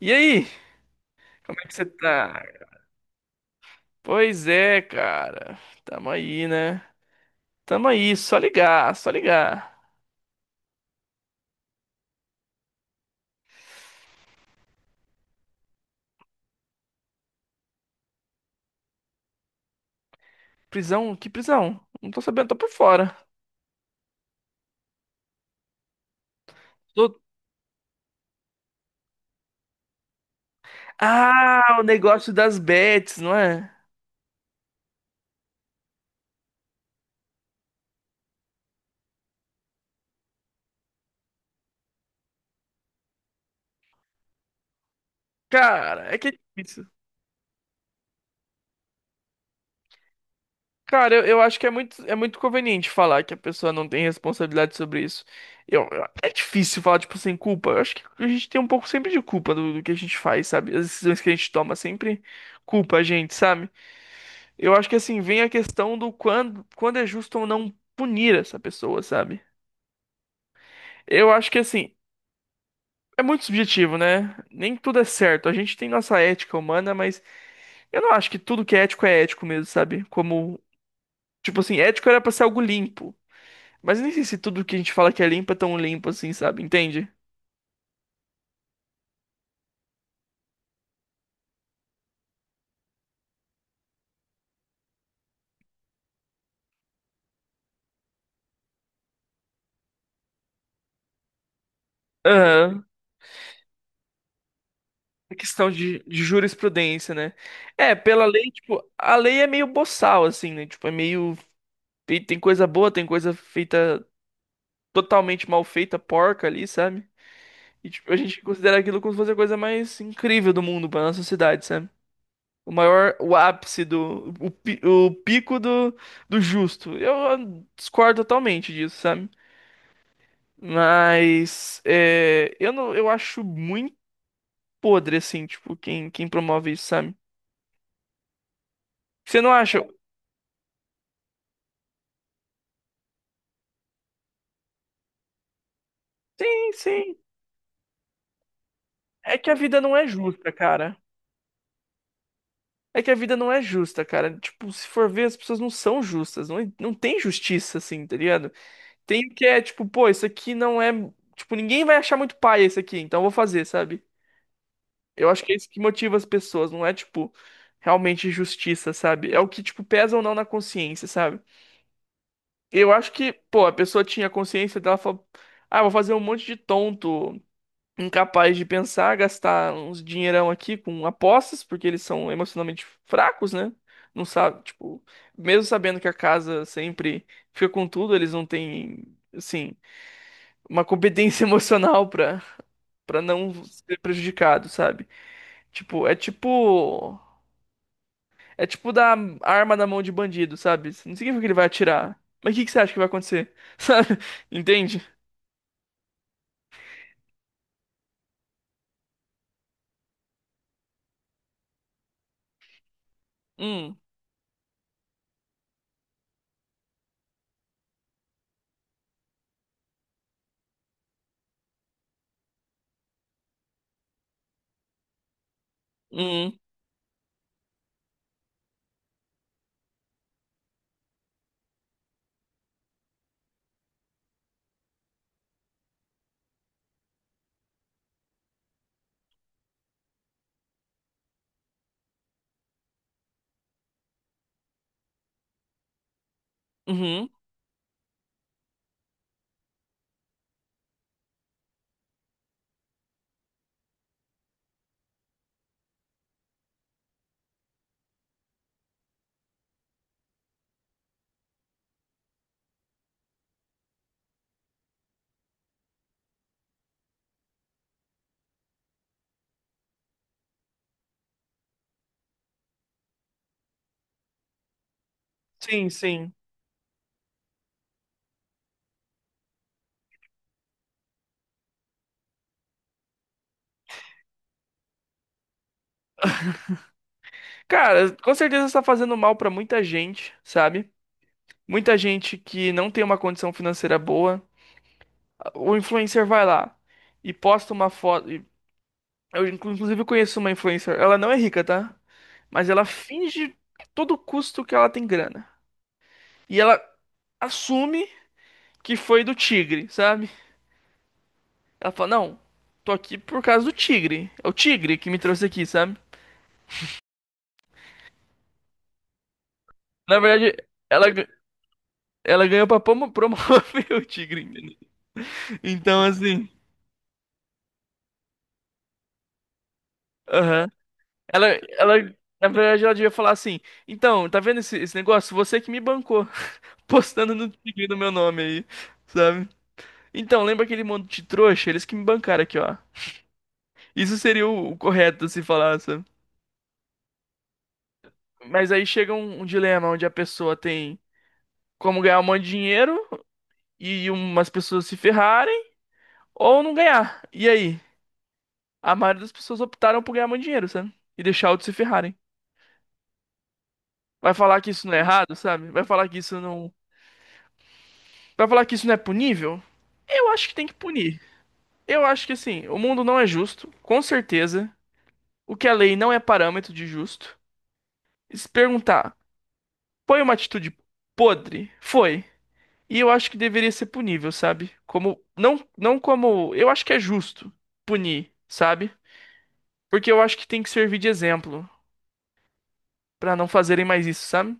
E aí, como é que você tá? Pois é, cara. Tamo aí, né? Tamo aí, só ligar, só ligar. Prisão? Que prisão? Não tô sabendo, tô por fora. Tô- Ah, o negócio das bets, não é? Cara, é que é difícil. Cara, eu acho que é muito conveniente falar que a pessoa não tem responsabilidade sobre isso. É difícil falar, tipo, sem culpa. Eu acho que a gente tem um pouco sempre de culpa do que a gente faz, sabe? As decisões que a gente toma sempre culpa a gente, sabe? Eu acho que assim vem a questão do quando é justo ou não punir essa pessoa, sabe? Eu acho que assim é muito subjetivo, né? Nem tudo é certo. A gente tem nossa ética humana, mas eu não acho que tudo que é ético mesmo, sabe? Como, tipo assim, ético era pra ser algo limpo. Mas nem sei se tudo que a gente fala que é limpo é tão limpo assim, sabe? Entende? Aham. A questão de jurisprudência, né? É, pela lei, tipo, a lei é meio boçal, assim, né? Tipo, é meio. Tem coisa boa, tem coisa feita totalmente mal feita, porca ali, sabe? E tipo, a gente considera aquilo como se fosse a coisa mais incrível do mundo pra nossa sociedade, sabe? O maior, o ápice do, o, o pico do, do justo. Eu discordo totalmente disso, sabe? Mas é, eu não, eu acho muito podre assim, tipo, quem promove isso, sabe? Você não acha? Sim, sim. É que a vida não é justa, cara. É que a vida não é justa, cara. Tipo, se for ver, as pessoas não são justas. Não tem justiça, assim, tá ligado? Tem o que é tipo, pô, isso aqui não é. Tipo, ninguém vai achar muito paia isso aqui, então eu vou fazer, sabe? Eu acho que é isso que motiva as pessoas, não é tipo realmente justiça, sabe? É o que, tipo, pesa ou não na consciência, sabe? Eu acho que, pô, a pessoa tinha consciência dela, falou, ah, vou fazer um monte de tonto, incapaz de pensar, gastar uns dinheirão aqui com apostas, porque eles são emocionalmente fracos, né? Não sabe, tipo, mesmo sabendo que a casa sempre fica com tudo, eles não têm, assim. Uma competência emocional pra, pra não ser prejudicado, sabe? Tipo, é tipo. É tipo dar a arma na mão de bandido, sabe? Não significa que ele vai atirar. Mas o que que você acha que vai acontecer? Sabe? Entende? Hum, hum, uhum. Sim, sim. Cara, com certeza está fazendo mal pra muita gente, sabe? Muita gente que não tem uma condição financeira boa. O influencer vai lá e posta uma foto. Eu, inclusive, conheço uma influencer. Ela não é rica, tá? Mas ela finge a todo custo que ela tem grana. E ela assume que foi do tigre, sabe? Ela fala, não, tô aqui por causa do tigre. É o tigre que me trouxe aqui, sabe? Na verdade, ela, ga- ela ganhou pra promover o tigre. Entendeu? Então, assim, aham. Ela, ela, na verdade, ela devia falar assim, então, tá vendo esse, esse negócio? Você que me bancou, postando no tigre no meu nome aí, sabe? Então, lembra aquele monte de trouxa? Eles que me bancaram aqui, ó. Isso seria o correto se falar, sabe? Mas aí chega um, um dilema onde a pessoa tem como ganhar um monte de dinheiro e umas pessoas se ferrarem ou não ganhar. E aí? A maioria das pessoas optaram por ganhar muito dinheiro, sabe? E deixar outros se ferrarem. Vai falar que isso não é errado, sabe? Vai falar que isso não. Vai falar que isso não é punível? Eu acho que tem que punir. Eu acho que assim, o mundo não é justo, com certeza. O que a lei não é parâmetro de justo. E se perguntar, foi uma atitude podre? Foi. E eu acho que deveria ser punível, sabe? Como não não como, eu acho que é justo punir, sabe? Porque eu acho que tem que servir de exemplo pra não fazerem mais isso, sabe?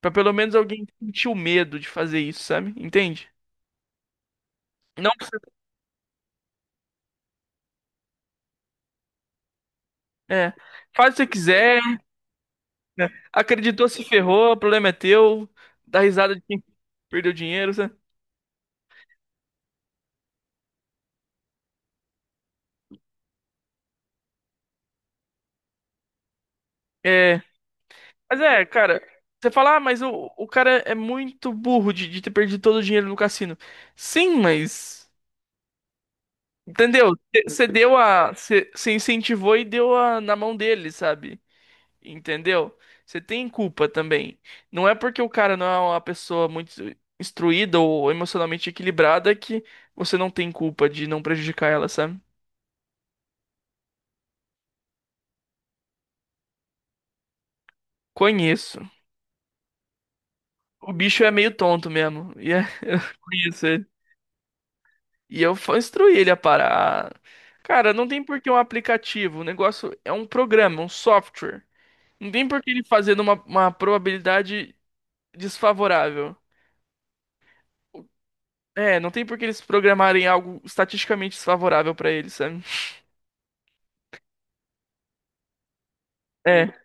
Pra pelo menos alguém sentir o medo de fazer isso, sabe? Entende? Não precisa- é, faz o que você quiser, né? Acreditou, se ferrou, o problema é teu, dá risada de quem perdeu dinheiro, sabe? É, mas é, cara, você fala, ah, mas o cara é muito burro de ter perdido todo o dinheiro no cassino. Sim, mas entendeu? Você deu a. Você incentivou e deu a, na mão dele, sabe? Entendeu? Você tem culpa também. Não é porque o cara não é uma pessoa muito instruída ou emocionalmente equilibrada que você não tem culpa de não prejudicar ela, sabe? Conheço. O bicho é meio tonto mesmo. E é, conheço ele. E eu instruí ele a parar. Cara, não tem por que um aplicativo. O negócio é um programa, um software. Não tem por que ele fazer numa uma probabilidade desfavorável. É, não tem por que eles programarem algo estatisticamente desfavorável pra eles, sabe? É.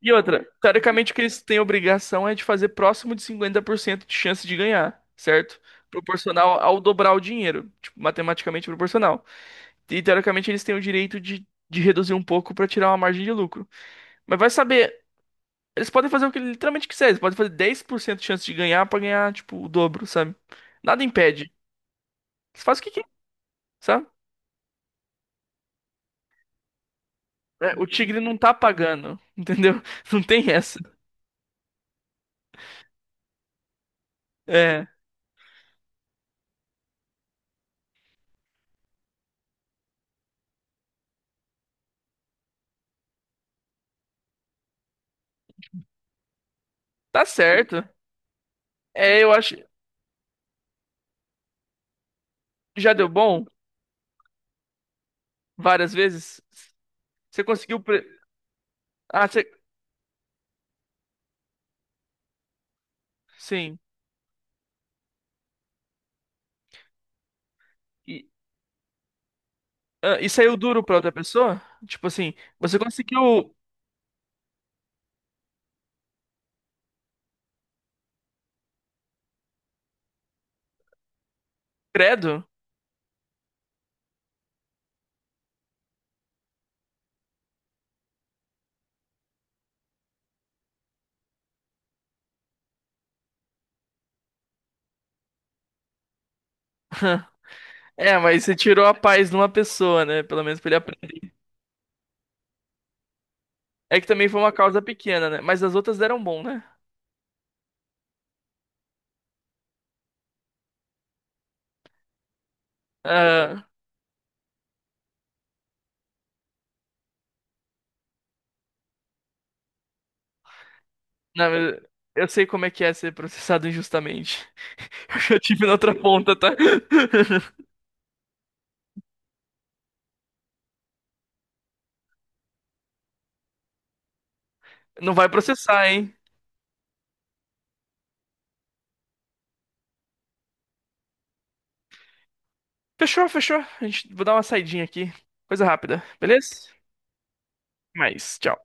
E outra, teoricamente o que eles têm obrigação é de fazer próximo de 50% de chance de ganhar, certo? Proporcional ao dobrar o dinheiro, tipo, matematicamente proporcional. E teoricamente eles têm o direito de reduzir um pouco pra tirar uma margem de lucro. Mas vai saber, eles podem fazer o que eles literalmente quiserem, eles podem fazer 10% de chance de ganhar pra ganhar, tipo, o dobro, sabe? Nada impede. Eles fazem o que quer, sabe? É, o tigre não tá pagando, entendeu? Não tem essa. É, tá certo. É, eu acho. Já deu bom várias vezes? Você conseguiu. Ah, você. Sim. E, ah, e saiu duro pra outra pessoa? Tipo assim, você conseguiu. Credo? É, mas você tirou a paz de uma pessoa, né? Pelo menos pra ele aprender. É que também foi uma causa pequena, né? Mas as outras deram bom, né? Ah, não, mas eu sei como é que é ser processado injustamente. Eu já tive na outra ponta, tá? Não vai processar, hein? Fechou, fechou. A gente, vou dar uma saidinha aqui. Coisa rápida, beleza? Mas, tchau.